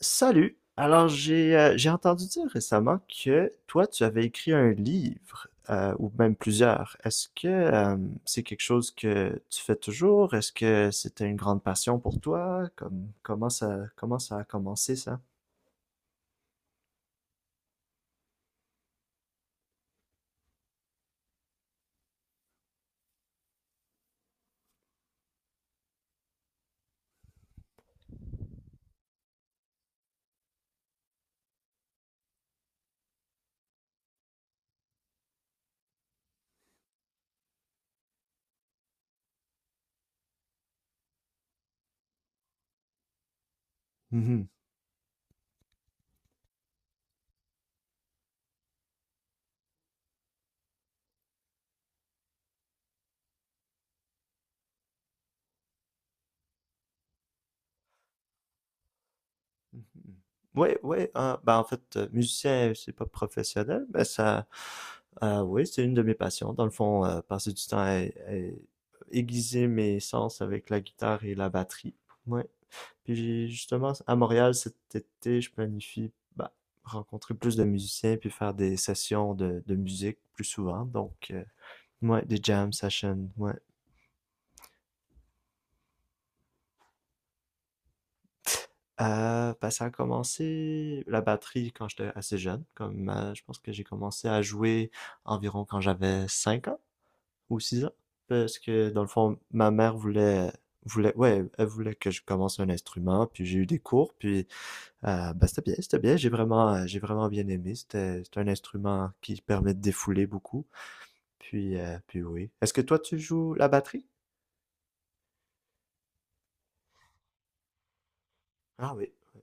Salut! Alors, j'ai entendu dire récemment que toi, tu avais écrit un livre, ou même plusieurs. Est-ce que C'est quelque chose que tu fais toujours? Est-ce que c'était une grande passion pour toi? Comment ça, comment ça a commencé, ça? Mhm. Mhm. Oui, oui. Ah, ben, en fait, musicien, c'est pas professionnel, mais ça, oui, c'est une de mes passions. Dans le fond, passer du temps à aiguiser mes sens avec la guitare et la batterie. Oui. Puis justement, à Montréal cet été, je planifie bah, rencontrer plus de musiciens puis faire des sessions de musique plus souvent. Donc, ouais, des jam sessions, ouais. Ça a commencé la batterie quand j'étais assez jeune. Comme je pense que j'ai commencé à jouer environ quand j'avais 5 ans ou 6 ans. Parce que dans le fond, voulait, ouais, elle voulait que je commence un instrument. Puis j'ai eu des cours. Puis c'était bien, c'était bien. J'ai vraiment bien aimé. C'est un instrument qui permet de défouler beaucoup. Puis puis oui. Est-ce que toi, tu joues la batterie? Ah oui, oui.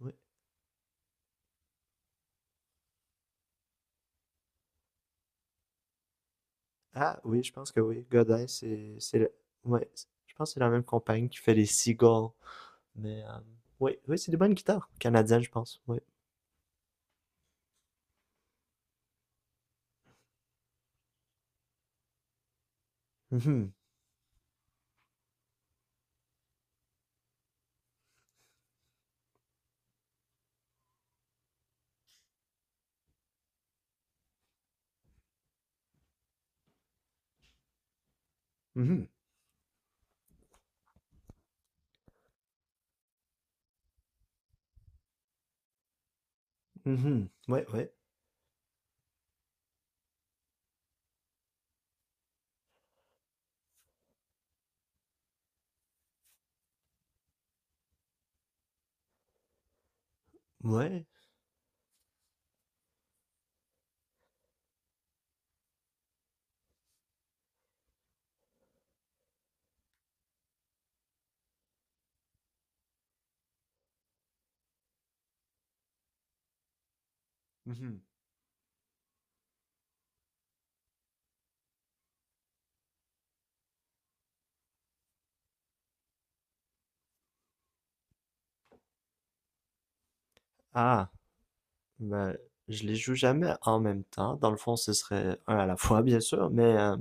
Oui. Ah oui, je pense que oui. C'est le- ouais, c'est- je pense que c'est la même compagnie qui fait les Seagulls. Mais oui, oui, c'est des bonnes guitares canadiennes, je pense. Oui. Mhm, mhm, mhm. Ouais, ouais, ouais. Mhm. Ah, ben, je les joue jamais en même temps. Dans le fond, ce serait un à la fois, bien sûr. Mais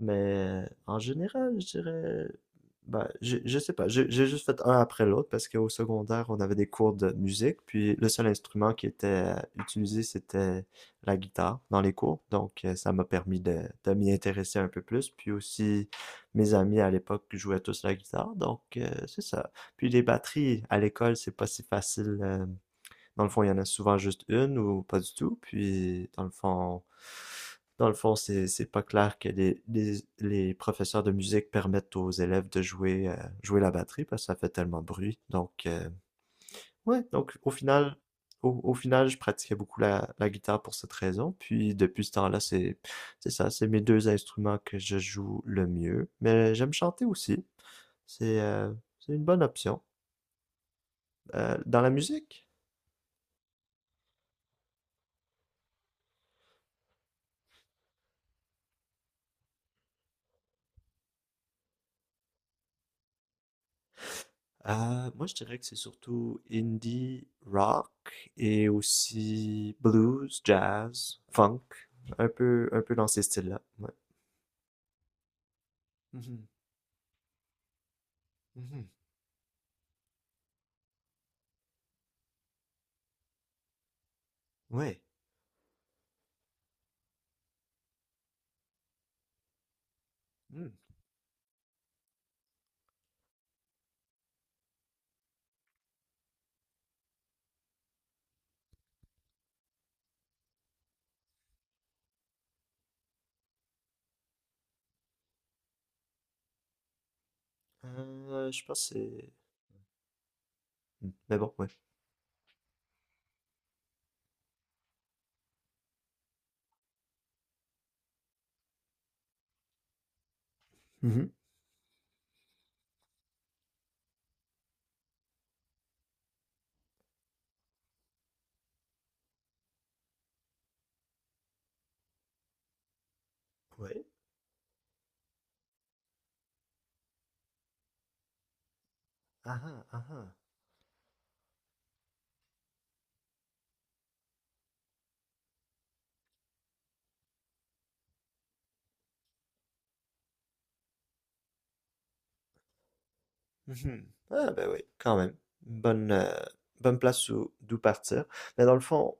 Mais en général, je dirais, bah, je sais pas, j'ai juste fait un après l'autre parce qu'au secondaire, on avait des cours de musique, puis le seul instrument qui était utilisé, c'était la guitare dans les cours. Donc, ça m'a permis de m'y intéresser un peu plus. Puis aussi, mes amis à l'époque jouaient tous la guitare, donc c'est ça. Puis les batteries à l'école, c'est pas si facile. Dans le fond, il y en a souvent juste une ou pas du tout. Puis, dans le fond, Dans le fond, c'est pas clair que les professeurs de musique permettent aux élèves de jouer jouer la batterie parce que ça fait tellement de bruit. Donc ouais, au, au final, je pratiquais beaucoup la, la guitare pour cette raison. Puis depuis ce temps-là, c'est mes deux instruments que je joue le mieux. Mais j'aime chanter aussi. C'est euh, c'est une bonne option. Dans la musique, moi, je dirais que c'est surtout indie, rock et aussi blues, jazz, funk, un peu dans ces styles-là. Ouais. Mhm, mhm, ouais. Hmm. Je pense que c'est. Mais bon, ouais. Mhm. Ouais. Ah ah ah ah. Mhm. Ah, ben oui, quand même. Bonne bonne place où- d'où partir. Mais dans le fond,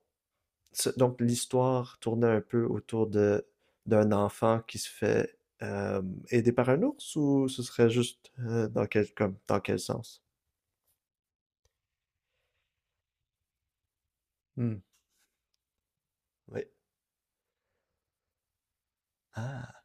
Ce- Donc, l'histoire tournait un peu autour de d'un enfant qui se fait euh, aider par un ours, ou ce serait juste dans quel comme dans quel sens? Hmm. Oui. Ah.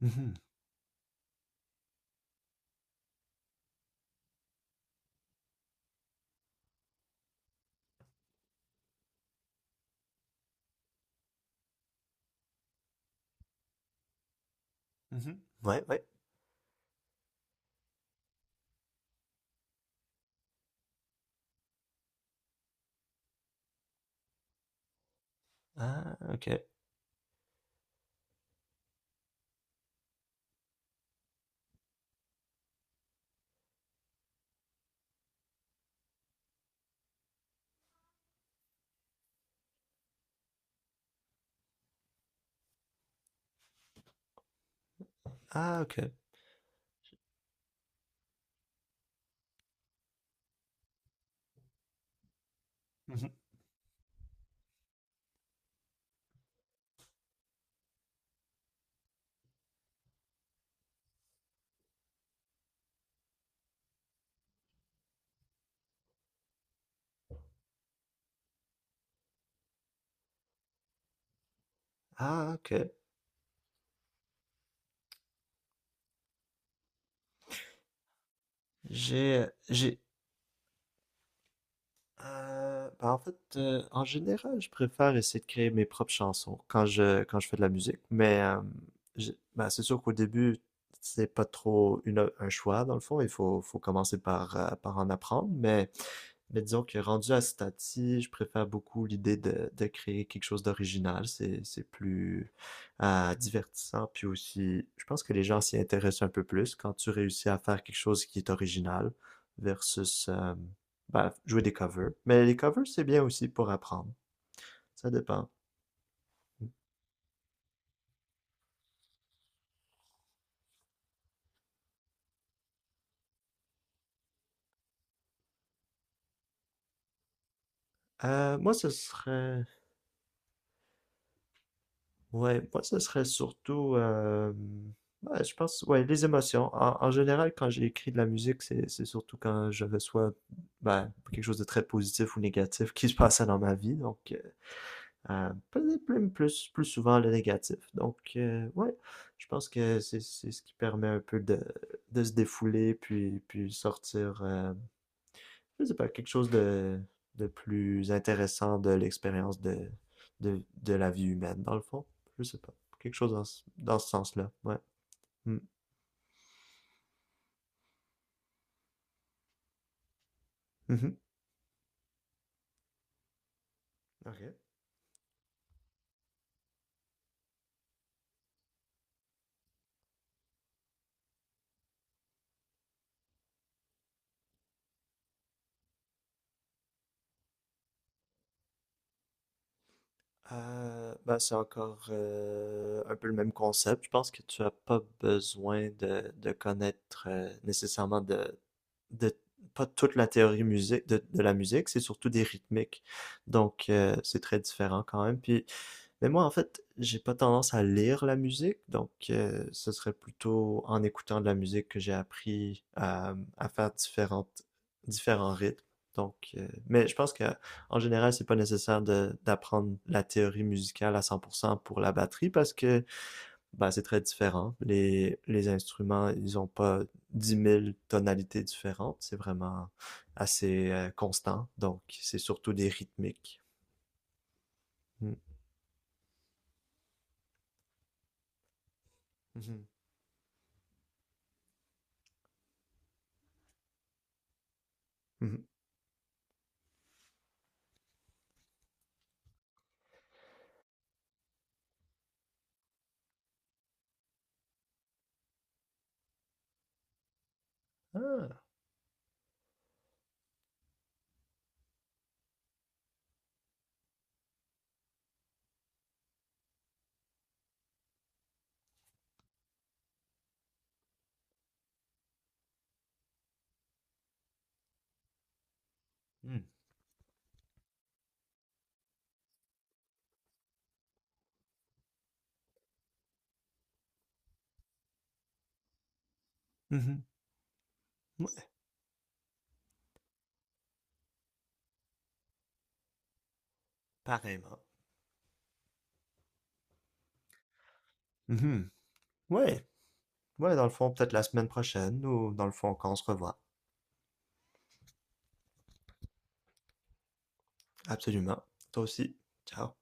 Mhm, mhm. Ouais, ouais. Ah, ok. Ah, ok. Mhm. Ah, ok. J'ai, ben en fait, en général, je préfère essayer de créer mes propres chansons quand je fais de la musique. Mais j'ai- ben, c'est sûr qu'au début, c'est pas trop un choix dans le fond. Il faut commencer par par en apprendre. Mais disons que rendu à ce stade-ci, je préfère beaucoup l'idée de créer quelque chose d'original. C'est plus divertissant. Puis aussi, je pense que les gens s'y intéressent un peu plus quand tu réussis à faire quelque chose qui est original versus ben, jouer des covers. Mais les covers, c'est bien aussi pour apprendre. Ça dépend. Moi, ce serait ouais, moi, ce serait surtout, ouais, je pense, ouais, les émotions. En, en général, quand j'ai écrit de la musique, c'est surtout quand j'avais soit ben, quelque chose de très positif ou négatif qui se passait dans ma vie. Donc, peut-être plus souvent le négatif. Donc, ouais, je pense que c'est ce qui permet un peu de se défouler, puis, puis sortir. Je sais pas, quelque chose de plus intéressant de l'expérience de, de la vie humaine, dans le fond. Je sais pas. Quelque chose dans, dans ce sens-là. Ouais. Mm. Mhm. Ok. Ben, c'est encore un peu le même concept. Je pense que tu as pas besoin de connaître nécessairement de pas toute la théorie musique de la musique, c'est surtout des rythmiques. Donc c'est très différent quand même. Puis mais moi, en fait, j'ai pas tendance à lire la musique, donc ce serait plutôt en écoutant de la musique que j'ai appris à faire différentes, différents rythmes. Donc, mais je pense que en général, c'est pas nécessaire de, d'apprendre la théorie musicale à 100% pour cent pour la batterie parce que bah, c'est très différent. Les instruments, ils ont pas 10 000 tonalités différentes. C'est vraiment assez constant. Donc, c'est surtout des rythmiques. Mm. Mhm. Mhm. Ah. Hmm. Mhm. Ouais, pareillement. Mmh mh. Ouais, ouais, dans le fond, peut-être la semaine prochaine ou dans le fond, quand on se revoit. Absolument. Toi aussi. Ciao.